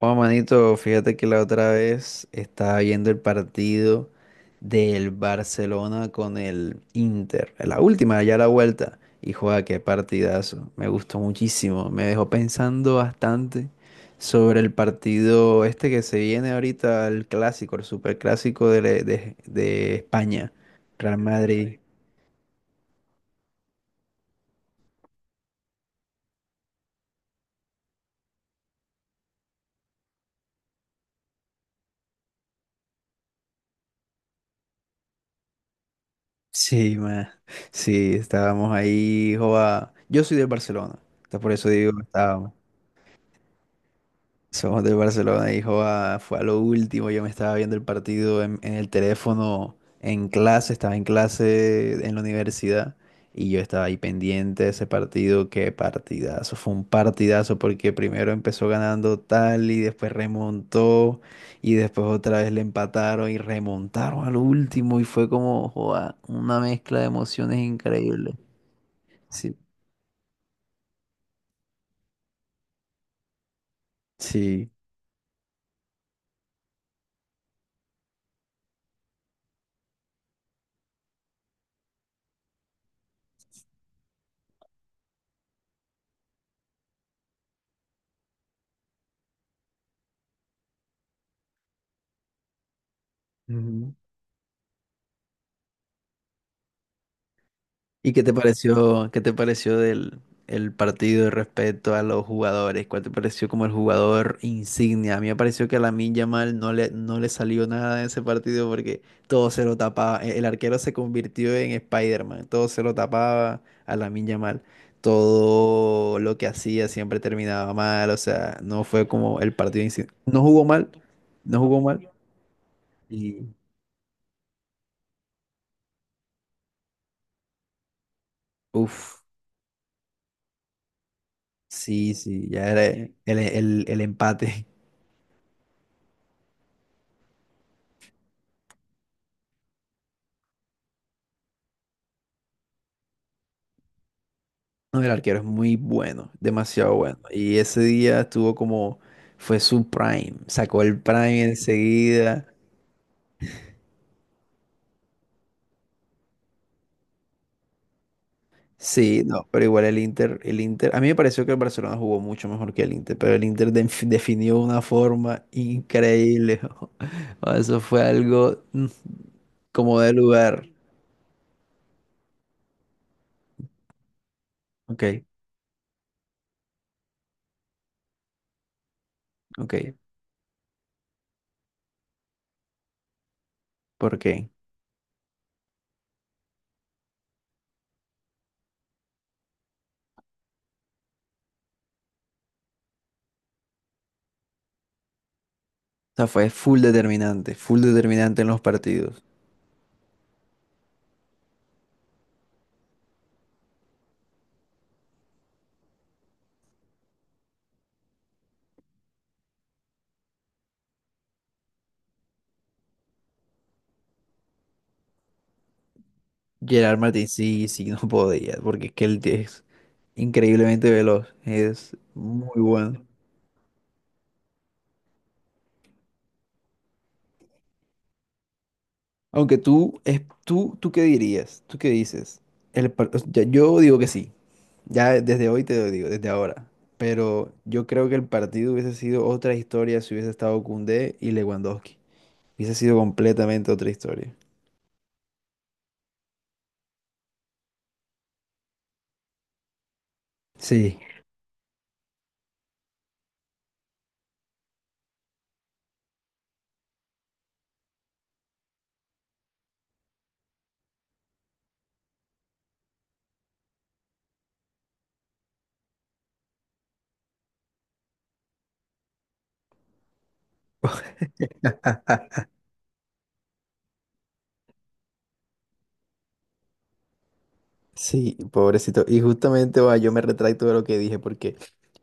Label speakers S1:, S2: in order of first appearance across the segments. S1: Oh, manito, fíjate que la otra vez estaba viendo el partido del Barcelona con el Inter, la última, ya la vuelta, y juega, qué partidazo, me gustó muchísimo, me dejó pensando bastante sobre el partido este que se viene ahorita, el clásico, el superclásico de España, Real Madrid. Sí, man, sí, estábamos ahí, joa, yo soy del Barcelona, entonces por eso digo, estábamos. Somos del Barcelona, hijo, ah, fue a lo último. Yo me estaba viendo el partido en el teléfono, en clase, estaba en clase en la universidad y yo estaba ahí pendiente de ese partido. Qué partidazo, fue un partidazo porque primero empezó ganando tal y después remontó y después otra vez le empataron y remontaron al último y fue como, joa, una mezcla de emociones increíble. Sí, sí. Ujú. ¿Y qué te pareció del el partido respecto a los jugadores? ¿Cuál te pareció como el jugador insignia? A mí me pareció que a Lamine Yamal no le salió nada de ese partido porque todo se lo tapaba. El arquero se convirtió en Spider-Man, todo se lo tapaba a Lamine Yamal. Todo lo que hacía siempre terminaba mal, o sea, no fue como el partido insignia. No jugó mal, no jugó mal y uff, sí, sí, ya era el, el empate. No, el arquero es muy bueno, demasiado bueno. Y ese día estuvo como, fue su prime, sacó el prime enseguida. Sí, no, pero igual el Inter, a mí me pareció que el Barcelona jugó mucho mejor que el Inter, pero el Inter definió una forma increíble. O eso fue algo como de lugar. Ok, ok, ¿por qué? O sea, fue full determinante en los partidos. Gerard Martín, sí, sí, no podía, porque es que él es increíblemente veloz, es muy bueno. Aunque tú, ¿tú qué dirías? ¿Tú qué dices? O sea, yo digo que sí, ya desde hoy te lo digo, desde ahora. Pero yo creo que el partido hubiese sido otra historia si hubiese estado Koundé y Lewandowski. Hubiese sido completamente otra historia. Sí. Sí, pobrecito. Y justamente va, yo me retracto de lo que dije porque,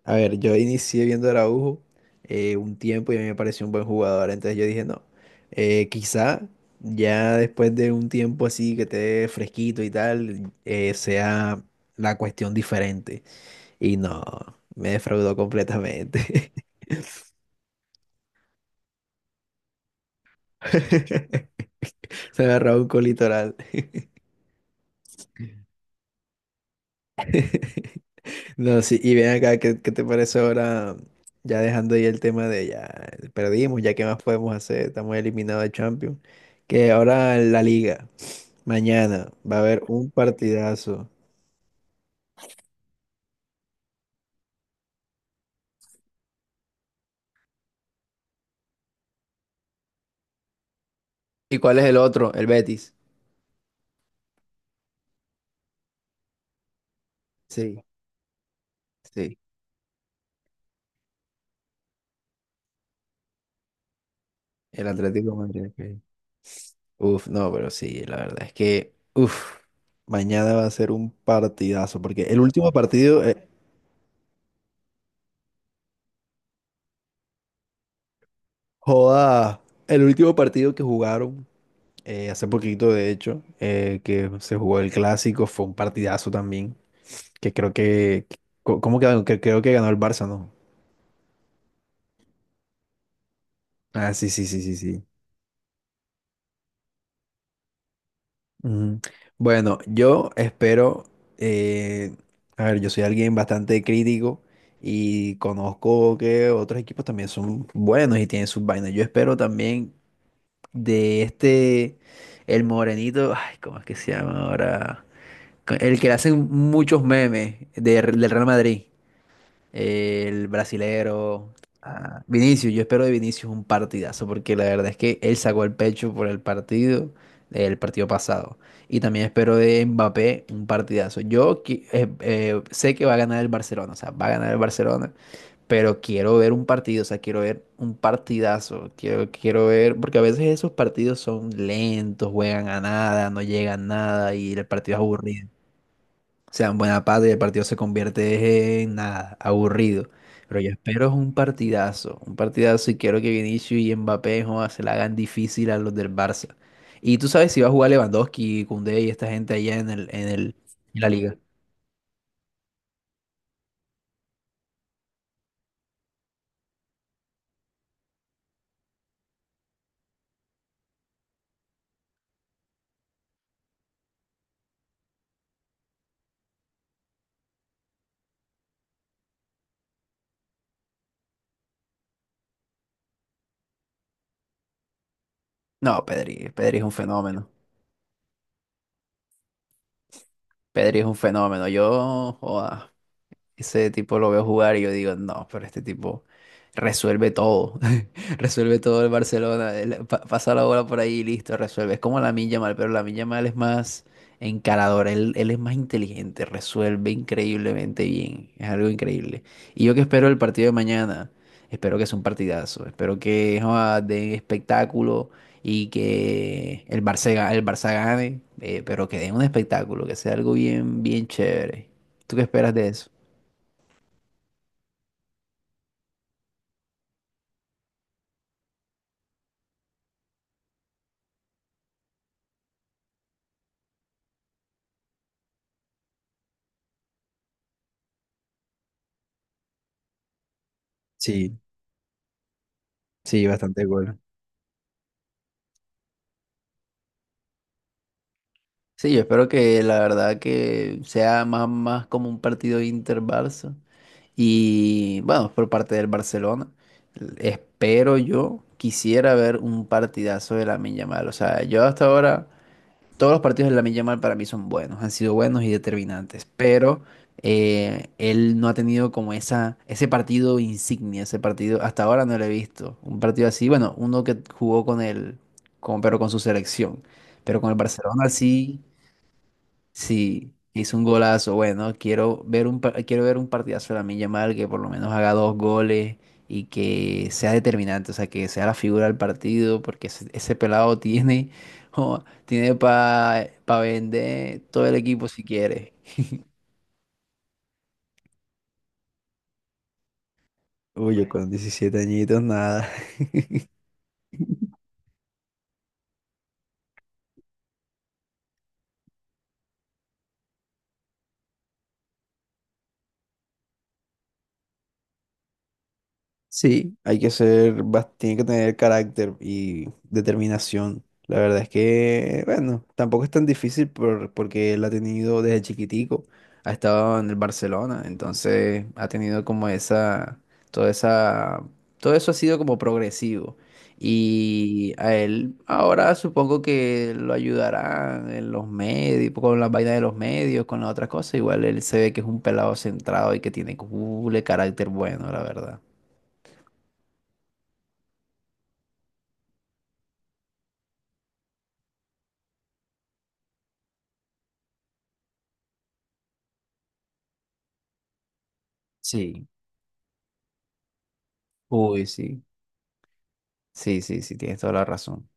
S1: a ver, yo inicié viendo a Araujo un tiempo y a mí me pareció un buen jugador. Entonces yo dije, no, quizá ya después de un tiempo así que esté fresquito y tal, sea la cuestión diferente. Y no, me defraudó completamente. Se me agarró un colitoral. No, sí, y ven acá, ¿qué te parece ahora? Ya dejando ahí el tema de ya perdimos, ya qué más podemos hacer, estamos eliminados de Champions. Que ahora la Liga, mañana va a haber un partidazo. ¿Y cuál es el otro? El Betis. Sí, sí, el Atlético de Madrid. Ok. Uf, no, pero sí, la verdad es que, uf, mañana va a ser un partidazo, porque el último partido, joda, el último partido que jugaron. Hace poquito, de hecho, que se jugó el clásico, fue un partidazo también, que creo que, ¿cómo quedó? Que creo que ganó el Barça, ¿no? Ah, sí, sí, sí, sí, sí. Ujú. Bueno, yo espero, eh, a ver, yo soy alguien bastante crítico y conozco que otros equipos también son buenos y tienen sus vainas. Yo espero también de este, el morenito, ay, ¿cómo es que se llama ahora? El que le hacen muchos memes del Real Madrid. El brasilero. Ah, Vinicius, yo espero de Vinicius un partidazo, porque la verdad es que él sacó el pecho por el partido pasado. Y también espero de Mbappé un partidazo. Yo sé que va a ganar el Barcelona, o sea, va a ganar el Barcelona, pero quiero ver un partido, o sea, quiero ver un partidazo, quiero, quiero ver, porque a veces esos partidos son lentos, juegan a nada, no llegan a nada y el partido es aburrido, sean buena pata y el partido se convierte en nada, aburrido. Pero yo espero es un partidazo y quiero que Vinicius y Mbappé joda, se la hagan difícil a los del Barça. Y tú sabes si va a jugar Lewandowski, Koundé y esta gente allá en el, en el, en la liga. No, Pedri, Pedri es un fenómeno. Pedri es un fenómeno. Yo, joda, ese tipo lo veo jugar y yo digo, no, pero este tipo resuelve todo. Resuelve todo el Barcelona. Él pasa la bola por ahí y listo, resuelve. Es como Lamine Yamal, pero Lamine Yamal es más encarador. Él es más inteligente, resuelve increíblemente bien. Es algo increíble. Y yo que espero el partido de mañana. Espero que sea un partidazo. Espero que joda, den espectáculo y que el Barça, el Barça gane, pero que den un espectáculo, que sea algo bien, bien chévere. ¿Tú qué esperas de eso? Sí, sí, bastante gol. Sí, yo espero que la verdad que sea más como un partido Inter-Barça. Y bueno, por parte del Barcelona, espero yo, quisiera ver un partidazo de la Yamal. O sea, yo hasta ahora todos los partidos de Lamine Yamal para mí son buenos, han sido buenos y determinantes, pero él no ha tenido como esa, ese partido insignia, ese partido, hasta ahora no lo he visto. Un partido así, bueno, uno que jugó con él, pero con su selección, pero con el Barcelona sí. Sí, hizo un golazo. Bueno, quiero ver un, quiero ver un partidazo de Lamine Yamal que por lo menos haga dos goles y que sea determinante, o sea, que sea la figura del partido, porque ese pelado tiene, jo, tiene para vender todo el equipo si quiere. Uy, yo con 17 añitos, nada. Sí, hay que ser, tiene que tener carácter y determinación. La verdad es que, bueno, tampoco es tan difícil porque él ha tenido desde chiquitico, ha estado en el Barcelona, entonces ha tenido como esa, toda esa, todo eso ha sido como progresivo. Y a él ahora supongo que lo ayudarán en los medios, con las vainas de los medios, con las otras cosas. Igual él se ve que es un pelado centrado y que tiene un carácter bueno, la verdad. Sí, uy, sí, sí, sí, sí, tienes toda la razón.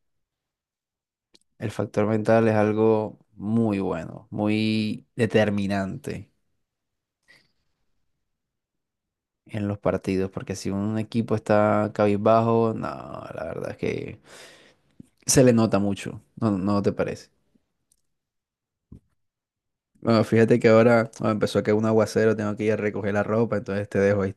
S1: El factor mental es algo muy bueno, muy determinante en los partidos, porque si un equipo está cabizbajo, no, la verdad es que se le nota mucho, ¿no, no te parece? Bueno, fíjate que ahora empezó a caer un aguacero, tengo que ir a recoger la ropa, entonces te dejo, ahí.